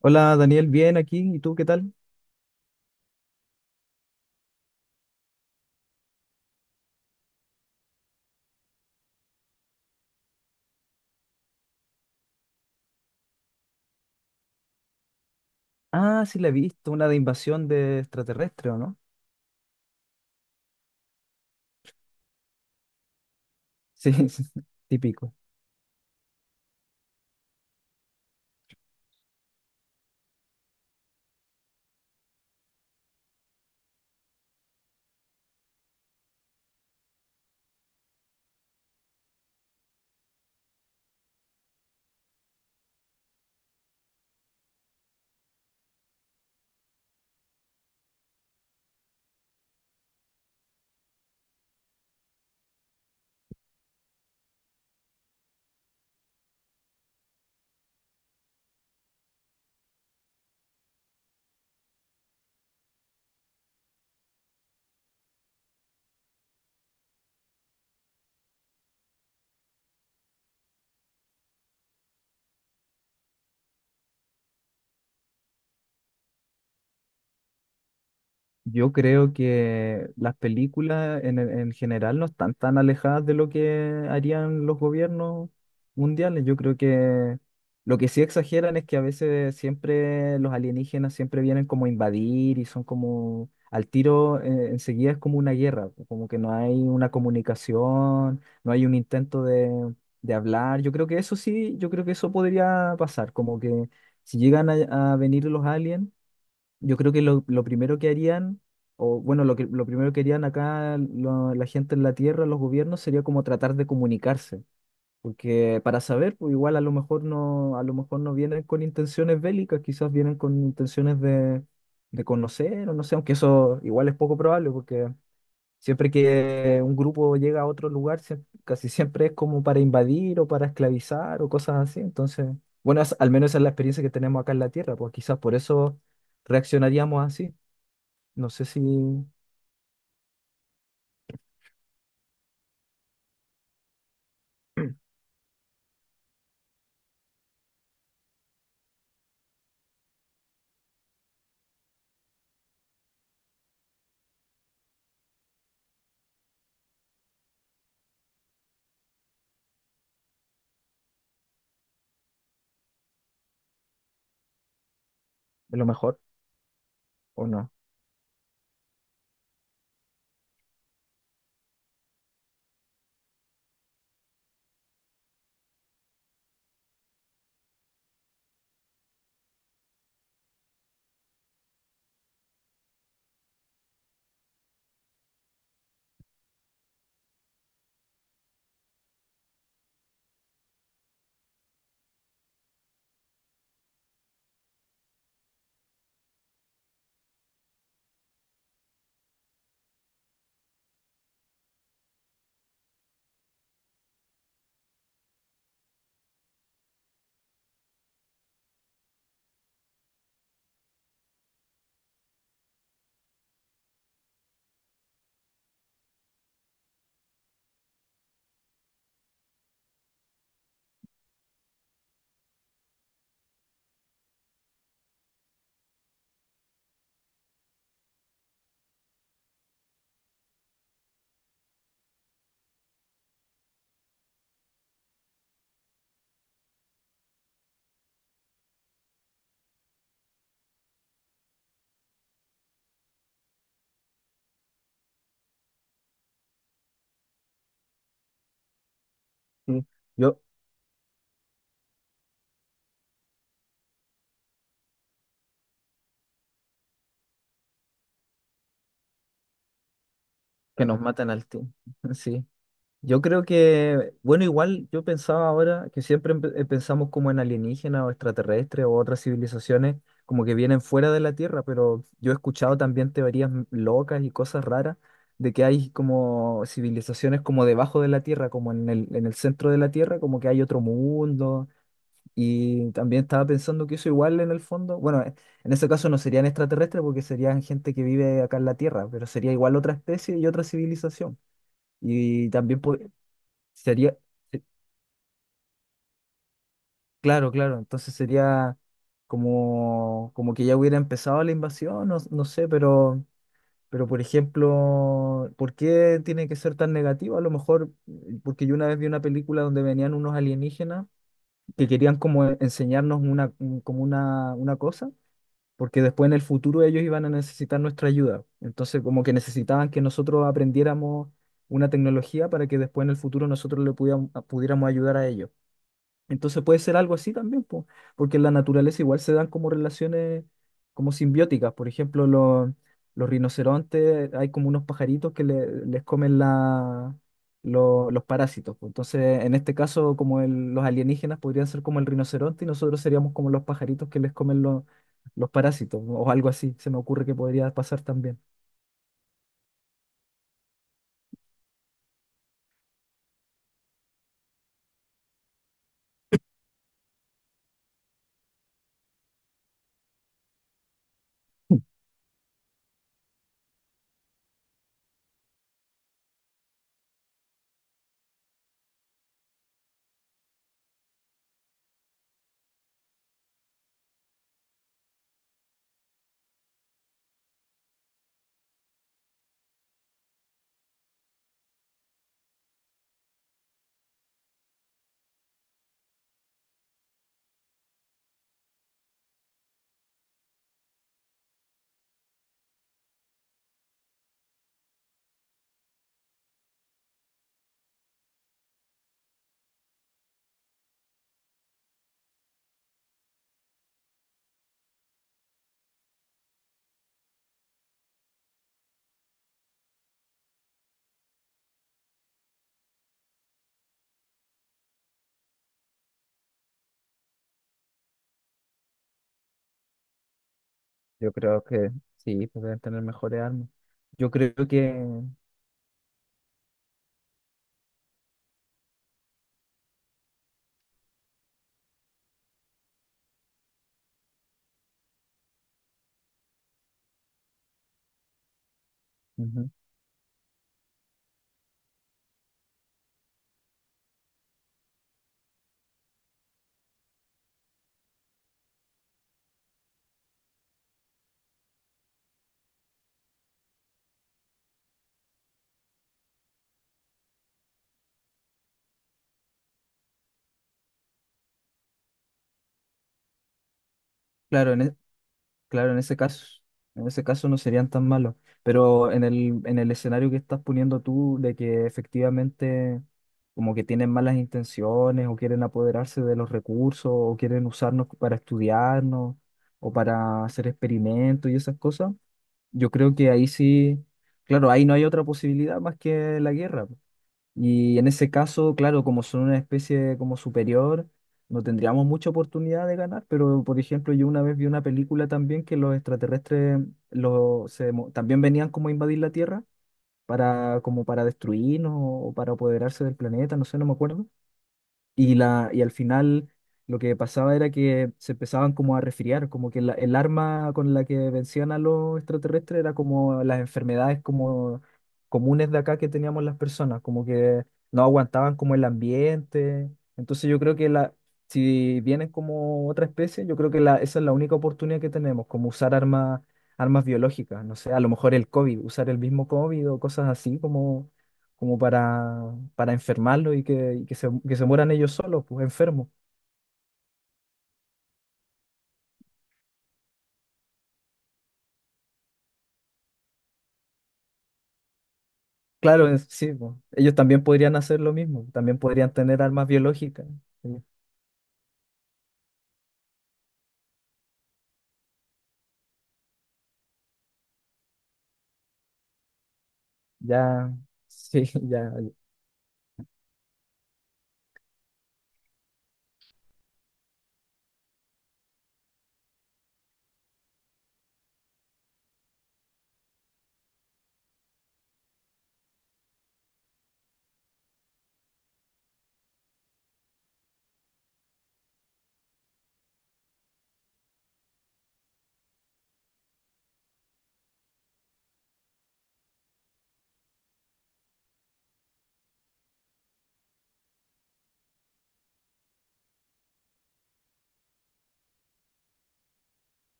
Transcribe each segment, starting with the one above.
Hola Daniel, bien aquí. ¿Y tú qué tal? Ah, sí, la he visto, una de invasión de extraterrestre, ¿o no? Sí, sí, típico. Yo creo que las películas en general no están tan alejadas de lo que harían los gobiernos mundiales. Yo creo que lo que sí exageran es que a veces siempre los alienígenas siempre vienen como a invadir y son como al tiro, enseguida es como una guerra, como que no hay una comunicación, no hay un intento de hablar. Yo creo que eso sí, yo creo que eso podría pasar, como que si llegan a venir los aliens. Yo creo que lo primero que harían, o bueno, lo que lo primero que harían acá la gente en la Tierra, los gobiernos, sería como tratar de comunicarse. Porque para saber, pues igual a lo mejor no, a lo mejor no vienen con intenciones bélicas, quizás vienen con intenciones de conocer, o no sé, aunque eso igual es poco probable, porque siempre que un grupo llega a otro lugar, casi siempre es como para invadir o para esclavizar o cosas así. Entonces, bueno, al menos esa es la experiencia que tenemos acá en la Tierra, pues quizás por eso reaccionaríamos así. No sé si es lo mejor o no. Sí. Yo, que nos matan al ti sí. Yo creo que, bueno, igual yo pensaba ahora que siempre pensamos como en alienígenas o extraterrestres o otras civilizaciones como que vienen fuera de la Tierra, pero yo he escuchado también teorías locas y cosas raras de que hay como civilizaciones como debajo de la Tierra, como en en el centro de la Tierra, como que hay otro mundo. Y también estaba pensando que eso igual en el fondo, bueno, en ese caso no serían extraterrestres porque serían gente que vive acá en la Tierra, pero sería igual otra especie y otra civilización. Y también po- Sería, eh, claro, claro, entonces sería como, como que ya hubiera empezado la invasión, no, no sé, pero por ejemplo, ¿por qué tiene que ser tan negativo? A lo mejor, porque yo una vez vi una película donde venían unos alienígenas que querían como enseñarnos una, como una cosa, porque después en el futuro ellos iban a necesitar nuestra ayuda. Entonces como que necesitaban que nosotros aprendiéramos una tecnología para que después en el futuro nosotros le pudiéramos, pudiéramos ayudar a ellos. Entonces puede ser algo así también, po, porque en la naturaleza igual se dan como relaciones como simbióticas. Por ejemplo, los rinocerontes, hay como unos pajaritos que les comen la, los parásitos. Po. Entonces, en este caso, como los alienígenas podrían ser como el rinoceronte y nosotros seríamos como los pajaritos que les comen los parásitos, o algo así, se me ocurre que podría pasar también. Yo creo que sí, pues deben tener mejores armas. Yo creo que, ujú. Claro, en, e- Claro, en ese caso no serían tan malos, pero en en el escenario que estás poniendo tú de que efectivamente como que tienen malas intenciones o quieren apoderarse de los recursos o quieren usarnos para estudiarnos o para hacer experimentos y esas cosas, yo creo que ahí sí, claro, ahí no hay otra posibilidad más que la guerra. Y en ese caso, claro, como son una especie como superior, no tendríamos mucha oportunidad de ganar, pero por ejemplo, yo una vez vi una película también que los extraterrestres los, también venían como a invadir la Tierra para, como para destruirnos o para apoderarse del planeta, no sé, no me acuerdo. Y al final lo que pasaba era que se empezaban como a resfriar, como que el arma con la que vencían a los extraterrestres era como las enfermedades como comunes de acá que teníamos las personas, como que no aguantaban como el ambiente. Entonces yo creo que la, si vienen como otra especie, yo creo que la, esa es la única oportunidad que tenemos, como usar armas, armas biológicas, no sé, a lo mejor el COVID, usar el mismo COVID o cosas así como como para enfermarlo y que se mueran ellos solos, pues enfermos. Claro, es- sí, pues, ellos también podrían hacer lo mismo, también podrían tener armas biológicas. Sí, ya, sí, ya,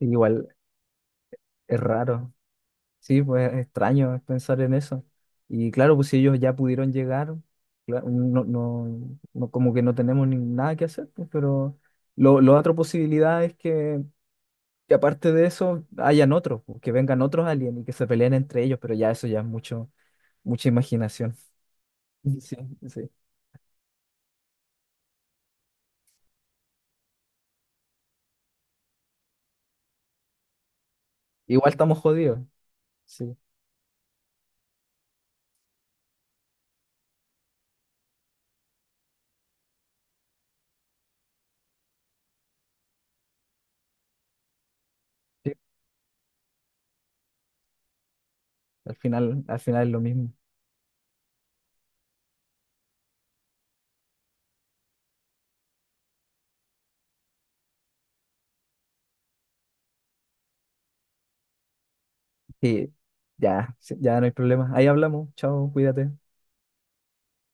igual es raro, sí, pues es extraño pensar en eso. Y claro, pues si ellos ya pudieron llegar, claro, no, no, como que no tenemos ni nada que hacer, pues, pero lo, la otra posibilidad es que y aparte de eso, hayan otros, po, que vengan otros aliens y que se peleen entre ellos, pero ya eso ya es mucho, mucha imaginación. Sí, sí. Igual estamos jodidos. Sí, sí. Al final es lo mismo. Sí, ya, sí, ya no hay problema. Ahí hablamos. Chao, cuídate.